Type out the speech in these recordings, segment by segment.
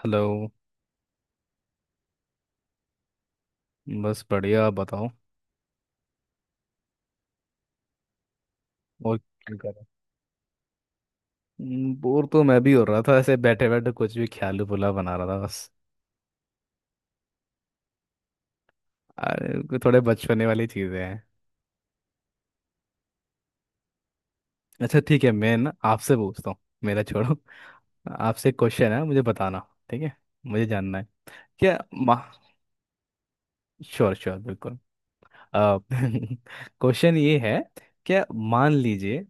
Hello. बस बढ़िया, आप बताओ। और क्या कर रहे। बोर तो मैं भी हो रहा था, ऐसे बैठे बैठे कुछ भी ख्याल पुला बना रहा था बस। अरे कोई थोड़े बचपने वाली चीज़ें हैं। अच्छा ठीक है, मैं ना आपसे पूछता हूँ। मेरा छोड़ो। आपसे क्वेश्चन है, मुझे बताना। ठीक है। मुझे जानना है क्या। माँ। श्योर श्योर बिल्कुल। क्वेश्चन ये है क्या। मान लीजिए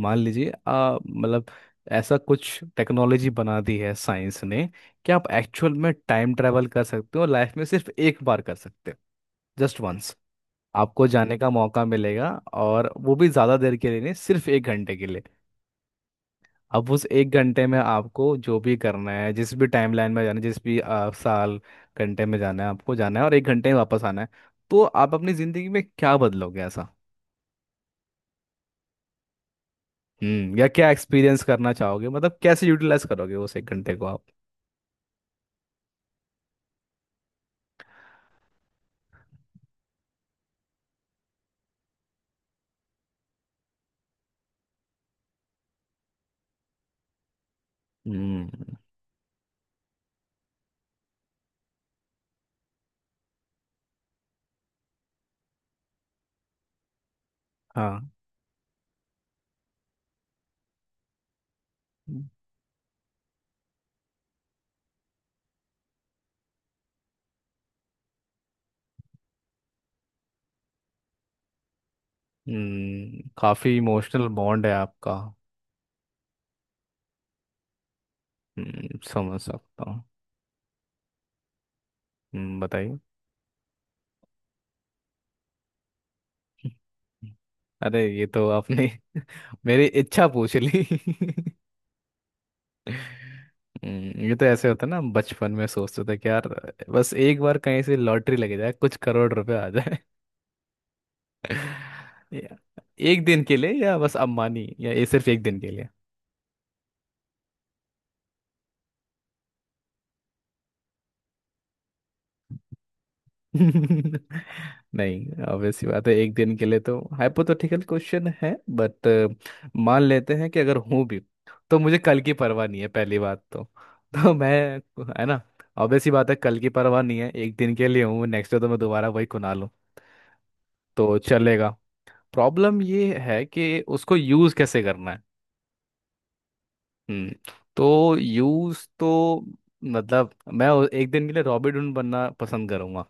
मान लीजिए आ मतलब ऐसा कुछ टेक्नोलॉजी बना दी है साइंस ने कि आप एक्चुअल में टाइम ट्रैवल कर सकते हो। लाइफ में सिर्फ एक बार कर सकते हो। Just once. आपको जाने का मौका मिलेगा, और वो भी ज़्यादा देर के लिए नहीं, सिर्फ एक घंटे के लिए। अब उस एक घंटे में आपको जो भी करना है, जिस भी टाइमलाइन में जाना है, जिस भी साल घंटे में जाना है, आपको जाना है और एक घंटे में वापस आना है। तो आप अपनी ज़िंदगी में क्या बदलोगे ऐसा। या क्या एक्सपीरियंस करना चाहोगे, मतलब कैसे यूटिलाइज करोगे उस एक घंटे को। हम्म। हाँ। काफी इमोशनल बॉन्ड है आपका। समझ सकता हूँ। बताइए। अरे ये तो आपने मेरी इच्छा पूछ ली। ये तो ऐसे होता है ना, बचपन में सोचते थे कि यार बस एक बार कहीं से लॉटरी लग जाए, कुछ करोड़ रुपए आ जाए। या एक दिन के लिए, या बस अम्बानी, या ये सिर्फ एक दिन के लिए। नहीं, ऑब्वियस सी बात है, एक दिन के लिए तो हाइपोथेटिकल क्वेश्चन है। बट मान लेते हैं कि अगर हूं भी, तो मुझे कल की परवाह नहीं है पहली बात तो। तो मैं, है ना, ऑब्वियस सी बात है, कल की परवाह नहीं है, एक दिन के लिए हूँ, नेक्स्ट डे तो मैं दोबारा वही खुना लूँ। तो चलेगा। प्रॉब्लम ये है कि उसको यूज़ कैसे करना है। हम्म। तो यूज़ तो, मतलब मैं एक दिन के लिए रॉबिन हुड बनना पसंद करूंगा।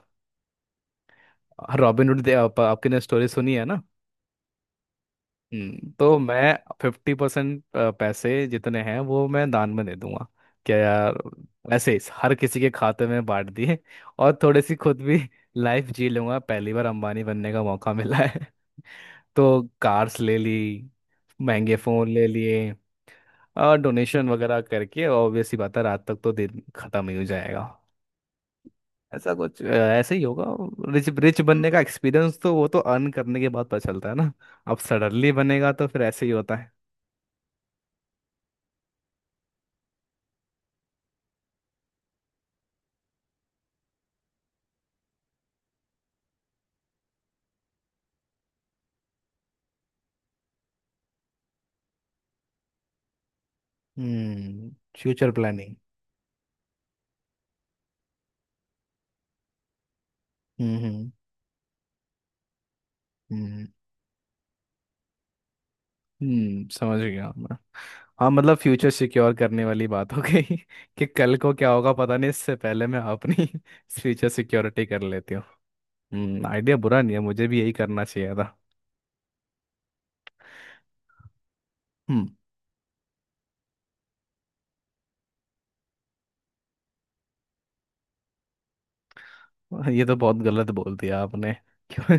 Robin Hood. आपने स्टोरी सुनी है ना। तो मैं 50% पैसे जितने हैं वो मैं दान में दे दूंगा। क्या यार। ऐसे ही हर किसी के खाते में बांट दिए, और थोड़ी सी खुद भी लाइफ जी लूंगा। पहली बार अंबानी बनने का मौका मिला है। तो कार्स ले ली, महंगे फोन ले लिए, और डोनेशन वगैरह करके। ऑब्वियस ही बात है रात तक तो दिन खत्म ही हो जाएगा। ऐसे ही होगा। रिच रिच बनने का एक्सपीरियंस तो, वो तो अर्न करने के बाद पता चलता है ना। अब सडनली बनेगा तो फिर ऐसे ही होता है। हम्म फ्यूचर प्लानिंग। हम्म, हम्म। हम्म समझ गया मैं। हाँ मतलब फ्यूचर सिक्योर करने वाली बात हो गई कि कल को क्या होगा पता नहीं, इससे पहले मैं अपनी फ्यूचर सिक्योरिटी कर लेती हूँ। आइडिया बुरा नहीं है, मुझे भी यही करना चाहिए था। हम्म ये तो बहुत गलत बोल दिया आपने। क्यों?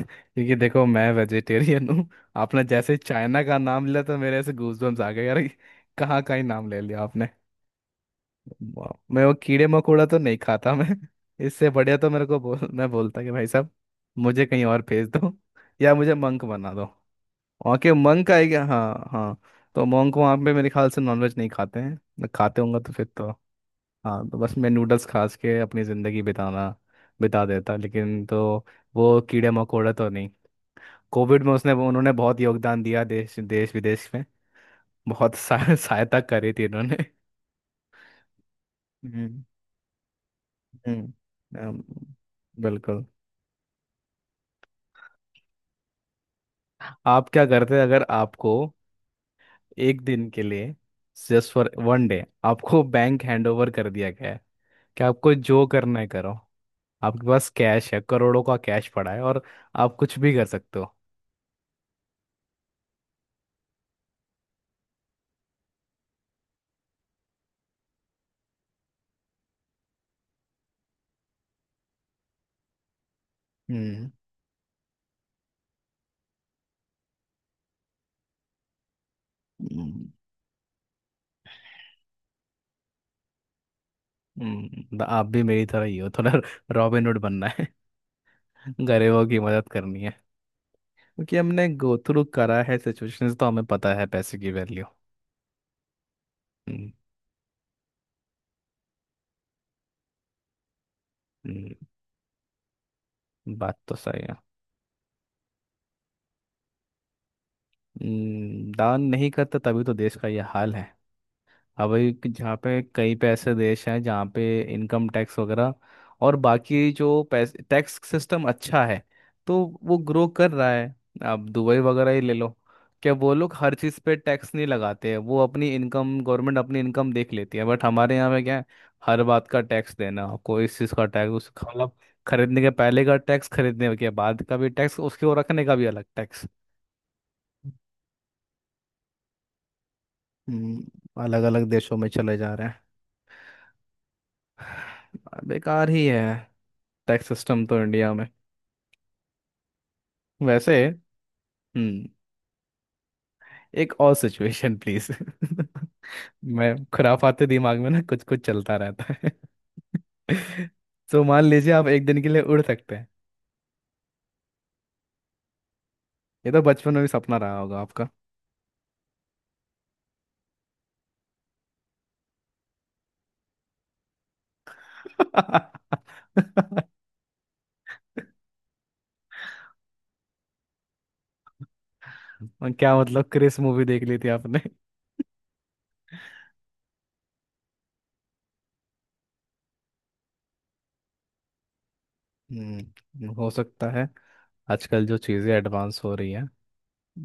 क्योंकि देखो मैं वेजिटेरियन हूँ। आपने जैसे चाइना का नाम लिया तो मेरे ऐसे गूजबम्स आ गए यार। कहाँ का ही नाम ले लिया आपने। वाह, मैं वो कीड़े मकोड़ा तो नहीं खाता मैं। इससे बढ़िया तो मेरे को बोल, मैं बोलता कि भाई साहब मुझे कहीं और भेज दो, या मुझे मंक बना दो। वहाँ के मंक आएगा, हाँ हाँ। तो मंक वहाँ पे मेरे ख्याल से नॉनवेज नहीं खाते हैं। मैं खाते होंगे तो फिर तो, हाँ, तो बस मैं नूडल्स खा के अपनी ज़िंदगी बिताना, बिता देता। लेकिन तो वो कीड़े मकोड़े तो नहीं। कोविड में उसने उन्होंने बहुत योगदान दिया देश देश विदेश में। बहुत सहायता करी थी इन्होंने। हम्म, हम्म। अम, बिल्कुल। आप क्या करते अगर आपको एक दिन के लिए, जस्ट फॉर वन डे, आपको बैंक हैंडओवर कर दिया गया है कि आपको जो करना है करो। आपके पास कैश है, करोड़ों का कैश पड़ा है, और आप कुछ भी कर सकते हो। हम्म, हम्म, हम्म। तो आप भी मेरी तरह ही हो थोड़ा। रॉबिनहुड बनना है, गरीबों की मदद करनी है। क्योंकि हमने गो थ्रू करा है सिचुएशंस, तो हमें पता है पैसे की वैल्यू। हम्म, हम्म, बात तो सही है। दान नहीं करता तभी तो देश का ये हाल है। अब एक जहाँ पे, कई पे ऐसे देश हैं जहाँ पे इनकम टैक्स वगैरह और बाकी जो पैसे, टैक्स सिस्टम अच्छा है, तो वो ग्रो कर रहा है। आप दुबई वगैरह ही ले लो। क्या वो लोग हर चीज़ पे टैक्स नहीं लगाते हैं। वो अपनी इनकम, गवर्नमेंट अपनी इनकम देख लेती है, बट हमारे यहाँ पे क्या है, हर बात का टैक्स देना। कोई इस चीज़ का टैक्स, उस मतलब खरीदने के पहले का टैक्स, खरीदने के बाद का भी टैक्स, उसके वो रखने का भी अलग टैक्स। अलग अलग देशों में चले जा रहे हैं। बेकार ही है टैक्स सिस्टम तो इंडिया में वैसे। हम्म एक और सिचुएशन प्लीज। मैं, खुराफाते दिमाग में ना कुछ कुछ चलता रहता है। तो मान लीजिए आप एक दिन के लिए उड़ सकते हैं। ये तो बचपन में भी सपना रहा होगा आपका। और क्या, मतलब क्रिस मूवी देख ली थी आपने। हो सकता है, आजकल जो चीज़ें एडवांस हो रही हैं।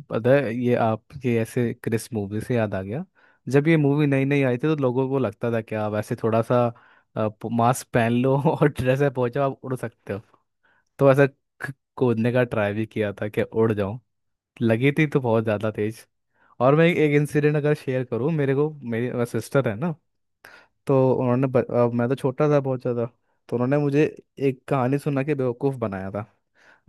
पता है, ये आपके ऐसे क्रिस मूवी से याद आ गया। जब ये मूवी नई नई आई थी तो लोगों को लगता था कि आप ऐसे थोड़ा सा मास्क पहन लो और ड्रेस में पहुंचो, आप उड़ सकते हो। तो ऐसा कूदने का ट्राई भी किया था कि उड़ जाऊं। लगी थी तो बहुत ज़्यादा तेज। और मैं एक इंसिडेंट अगर शेयर करूं, मेरे को, मेरी सिस्टर है ना, तो उन्होंने अब मैं तो छोटा था बहुत ज़्यादा, तो उन्होंने मुझे एक कहानी सुना के बेवकूफ़ बनाया था।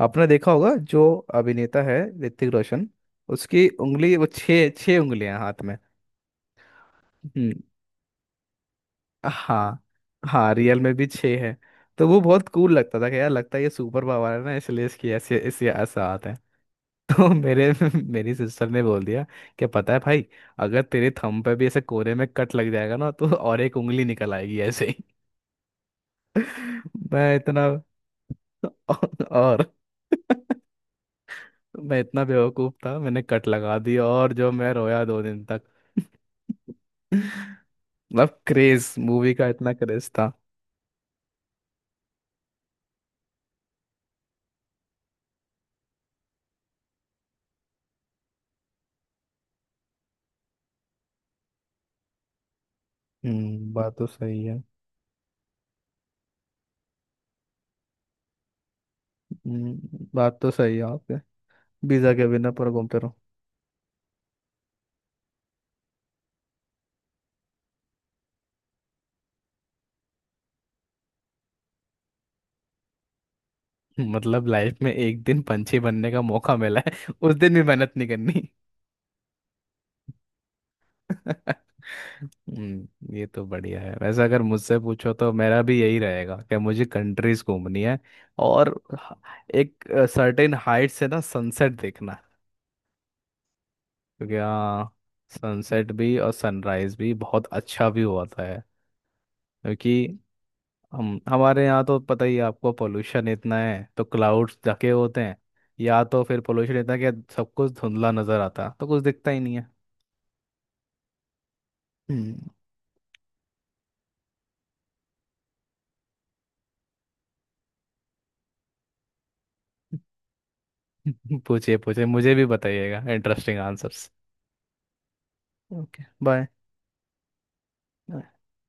आपने देखा होगा जो अभिनेता है, ऋतिक रोशन, उसकी उंगली, वो छः छः उंगलियां हाथ में। हम्म, हाँ हाँ, रियल में भी छः है। तो वो बहुत कूल लगता था कि यार, लगता है ये सुपर पावर है ना इसलिए इसकी ऐसे ऐसे ऐसा आता है। तो मेरे मेरी सिस्टर ने बोल दिया कि पता है भाई, अगर तेरे थंब पे भी ऐसे कोने में कट लग जाएगा ना, तो और एक उंगली निकल आएगी ऐसे ही। मैं इतना और मैं इतना बेवकूफ था, मैंने कट लगा दिया, और जो मैं रोया 2 दिन तक। मतलब क्रेज मूवी का इतना क्रेज था। बात तो सही है। बात तो सही है आपके। वीजा के बिना पर घूमते रहो। मतलब लाइफ में एक दिन पंछी बनने का मौका मिला है, उस दिन भी मेहनत नहीं करनी। ये तो बढ़िया है। वैसे अगर मुझसे पूछो तो मेरा भी यही रहेगा कि मुझे कंट्रीज घूमनी है और एक सर्टेन हाइट से ना सनसेट देखना। क्योंकि हाँ, सनसेट भी और सनराइज भी बहुत अच्छा व्यू होता है। क्योंकि हम हमारे यहाँ तो पता ही है आपको, पोल्यूशन इतना है तो क्लाउड्स ढके होते हैं। या तो फिर पोल्यूशन इतना कि सब कुछ धुंधला नजर आता, तो कुछ दिखता ही नहीं है। हम्म। पूछिए पूछिए, मुझे भी बताइएगा interesting answers. Okay bye. Nice